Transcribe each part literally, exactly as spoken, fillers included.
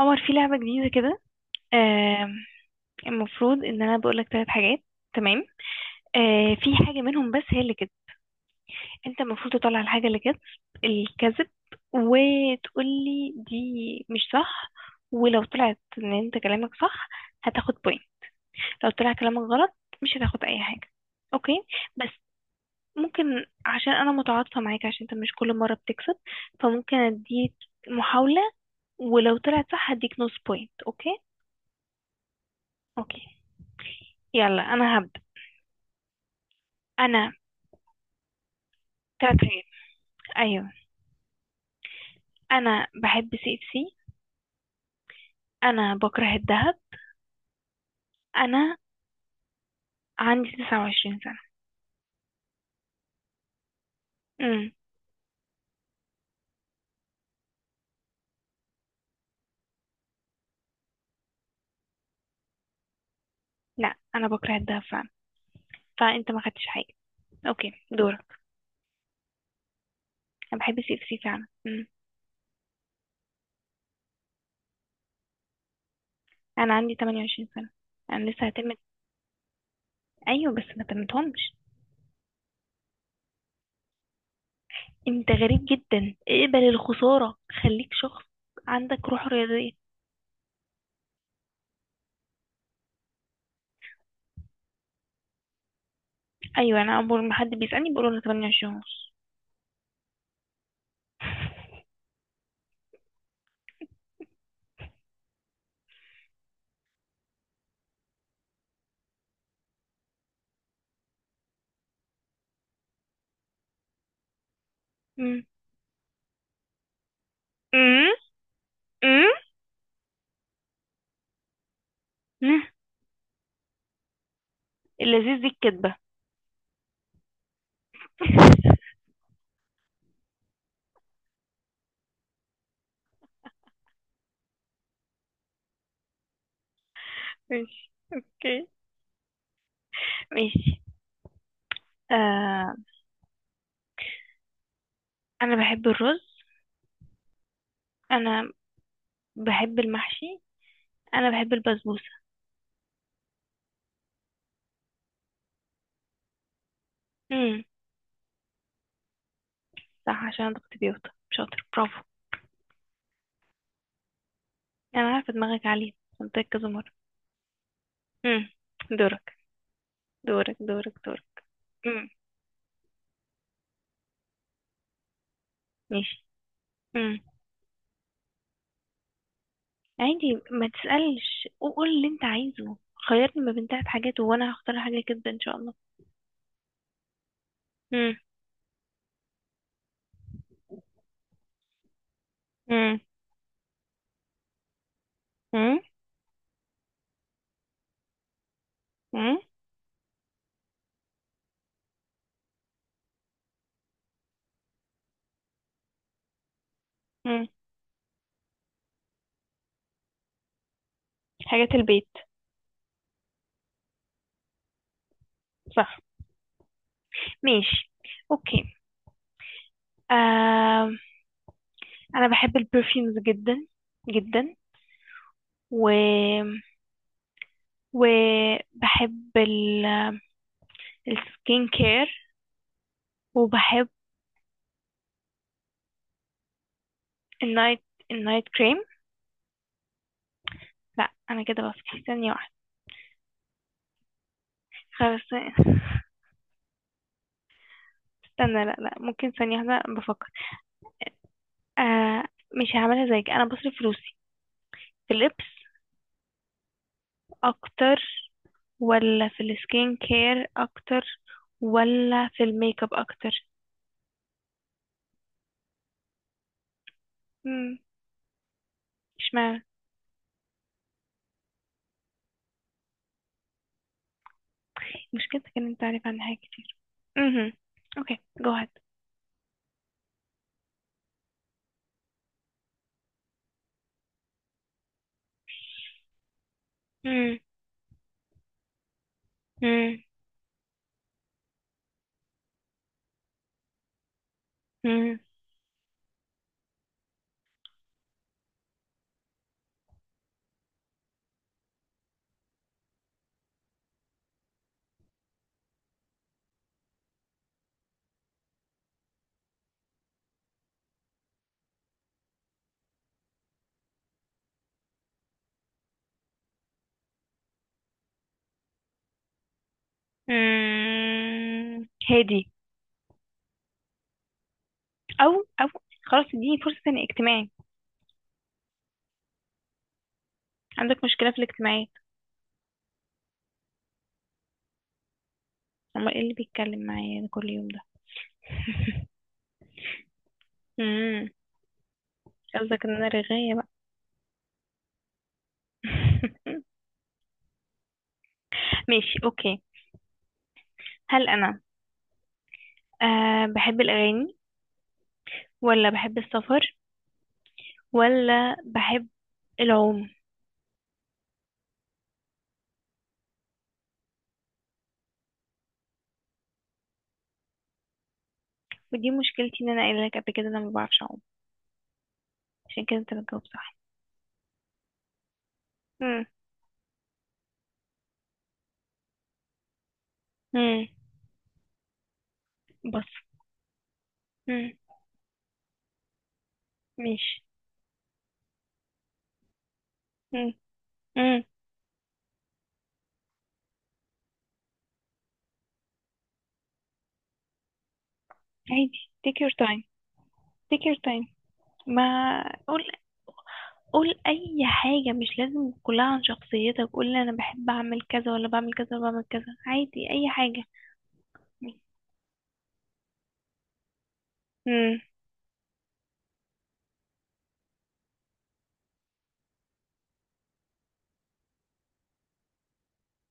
عمر، في لعبة جديدة كده. آه. المفروض ان انا بقولك ثلاث حاجات. تمام. آه، في حاجة منهم بس هي اللي كده. انت المفروض تطلع الحاجة اللي كده الكذب وتقولي دي مش صح. ولو طلعت ان انت كلامك صح هتاخد بوينت، لو طلع كلامك غلط مش هتاخد اي حاجة. اوكي؟ بس ممكن عشان انا متعاطفة معاك عشان انت مش كل مرة بتكسب، فممكن اديك محاولة، ولو طلعت صح هديك نص بوينت. اوكي. اوكي، يلا انا هبدأ. انا. تلات حاجات. ايوه. انا بحب سي اف سي، انا بكره الذهب، انا عندي تسعة وعشرين سنة. امم. لا، انا بكره الذهب فعلا، فانت ما خدتش حاجة. اوكي، دورك. انا بحب سي اف سي فعلا. امم. انا عندي ثمانية وعشرين سنة، انا لسه هتم. ايوه بس ما تمتهمش. انت غريب جدا، اقبل الخسارة، خليك شخص عندك روح رياضية. ايوه، انا اول ما حد بيسألني بقول انا ثمانية وعشرون ونص. امم. امم. امم. اللذيذ دي الكدبة. ماشي، اوكي، ماشي. آه، انا بحب الرز، انا بحب المحشي، انا بحب البسبوسه. امم. صح، عشان انا كنت بيوتا شاطر، برافو. انا عارفه دماغك عاليه، قلت لك كذا مره. امم. دورك. دورك دورك دورك. امم ماشي. امم. عادي، ما تسالش، قول اللي انت عايزه. خيرني ما بين تلات حاجات وانا هختار حاجه كده ان شاء الله. امم. امم. امم. امم. حاجات البيت. صح، ماشي، اوكي. آم، انا بحب البرفيومز جدا، جدا، و وبحب ال... السكين كير، وبحب النايت النايت كريم. لا، انا كده، بس ثانية واحدة، خلاص، استنى، لا لا، ممكن ثانية واحدة، بفكر. آه، مش هعملها زيك، انا بصرف فلوسي في اللبس اكتر، ولا في السكين كير اكتر، ولا في الميك اب اكتر؟ مم، اشمعنى. مشكلتك ان انت عارف عنها حاجات كتير. امم. اوكي، جو هاد. مم. مم. مم. مم. هادي. او. او. خلاص اديني فرصة تاني، اجتماعي. عندك مشكلة في الاجتماعيات. امال ايه اللي بيتكلم معايا ده كل يوم ده؟ مم. قصدك ان انا رغاية بقى؟ ماشي، اوكي. هل انا أه بحب الاغاني، ولا بحب السفر، ولا بحب العوم؟ ودي مشكلتي ان انا قايله لك قبل كده، انا ما بعرفش اعوم، عشان كده انت بتجاوب صح. مم. مم. بص. مم. ماشي. مم. مم. عادي take your time. take your time. ما قول، قول اي حاجة مش لازم كلها عن شخصيتك، قول لي انا بحب اعمل كذا ولا بعمل كذا ولا بعمل كذا، عادي اي حاجة. امم.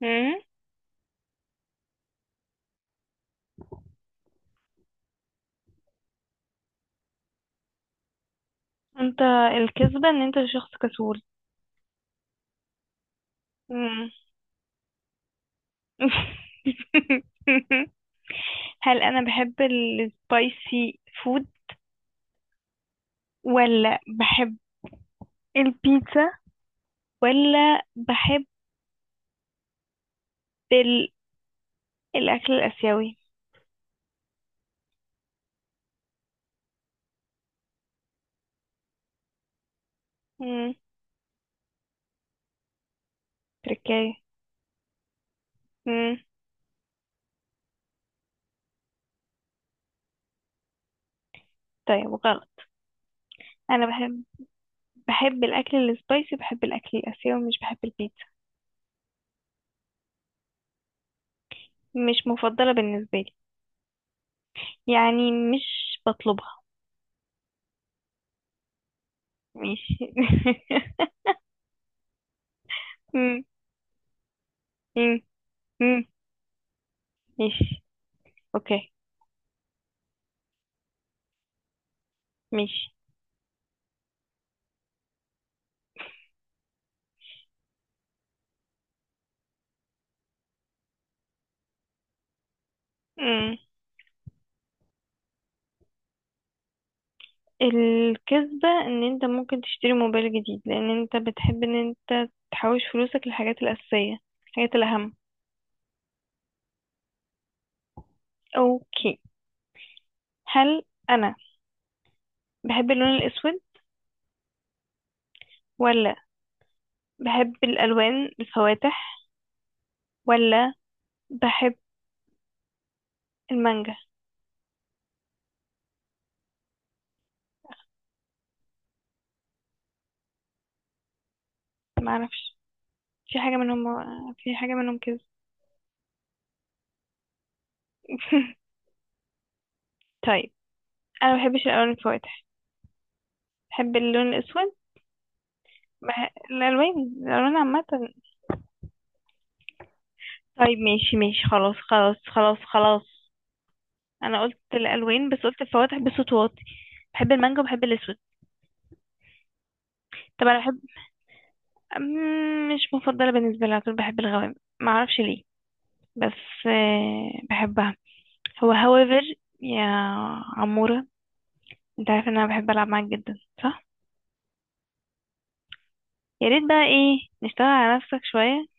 امم. انت، الكذبة ان انت شخص كسول. امم. هل انا بحب السبايسي فود، ولا بحب البيتزا، ولا بحب ال... الاكل الاسيوي؟ امم. تركاية. امم. طيب غلط. انا بحب بحب الاكل السبايسي، بحب الاكل الاسيوي، مش بحب البيتزا. مش مفضله بالنسبه لي، يعني مش بطلبها. ماشي. مم. مم. مم. ماشي، اوكي، ماشي. مم. الكذبه ان انت ممكن تشتري موبايل جديد لان انت بتحب ان انت تحوش فلوسك للحاجات الاساسيه، الحاجات الاهم. اوكي. هل انا بحب اللون الاسود، ولا بحب الالوان الفواتح، ولا بحب المانجا؟ ما اعرفش، في حاجه منهم، في حاجه منهم كده. طيب. انا ما بحبش الالوان الفواتح، بحب اللون الاسود. بح... الالوان الالوان عامه. طيب، ماشي ماشي، خلاص خلاص خلاص خلاص. انا قلت الالوان بس قلت الفواتح بصوت واطي. بحب المانجا وبحب الاسود. طب انا بحب، أمم، مش مفضله بالنسبه لي على طول، بحب الغوامق، ما اعرفش ليه. بس آه، بحبها. هو however. يا عموره، انت عارف ان انا بحب العب معاك جدا، صح؟ يا ريت بقى، ايه، نشتغل على نفسك شويه.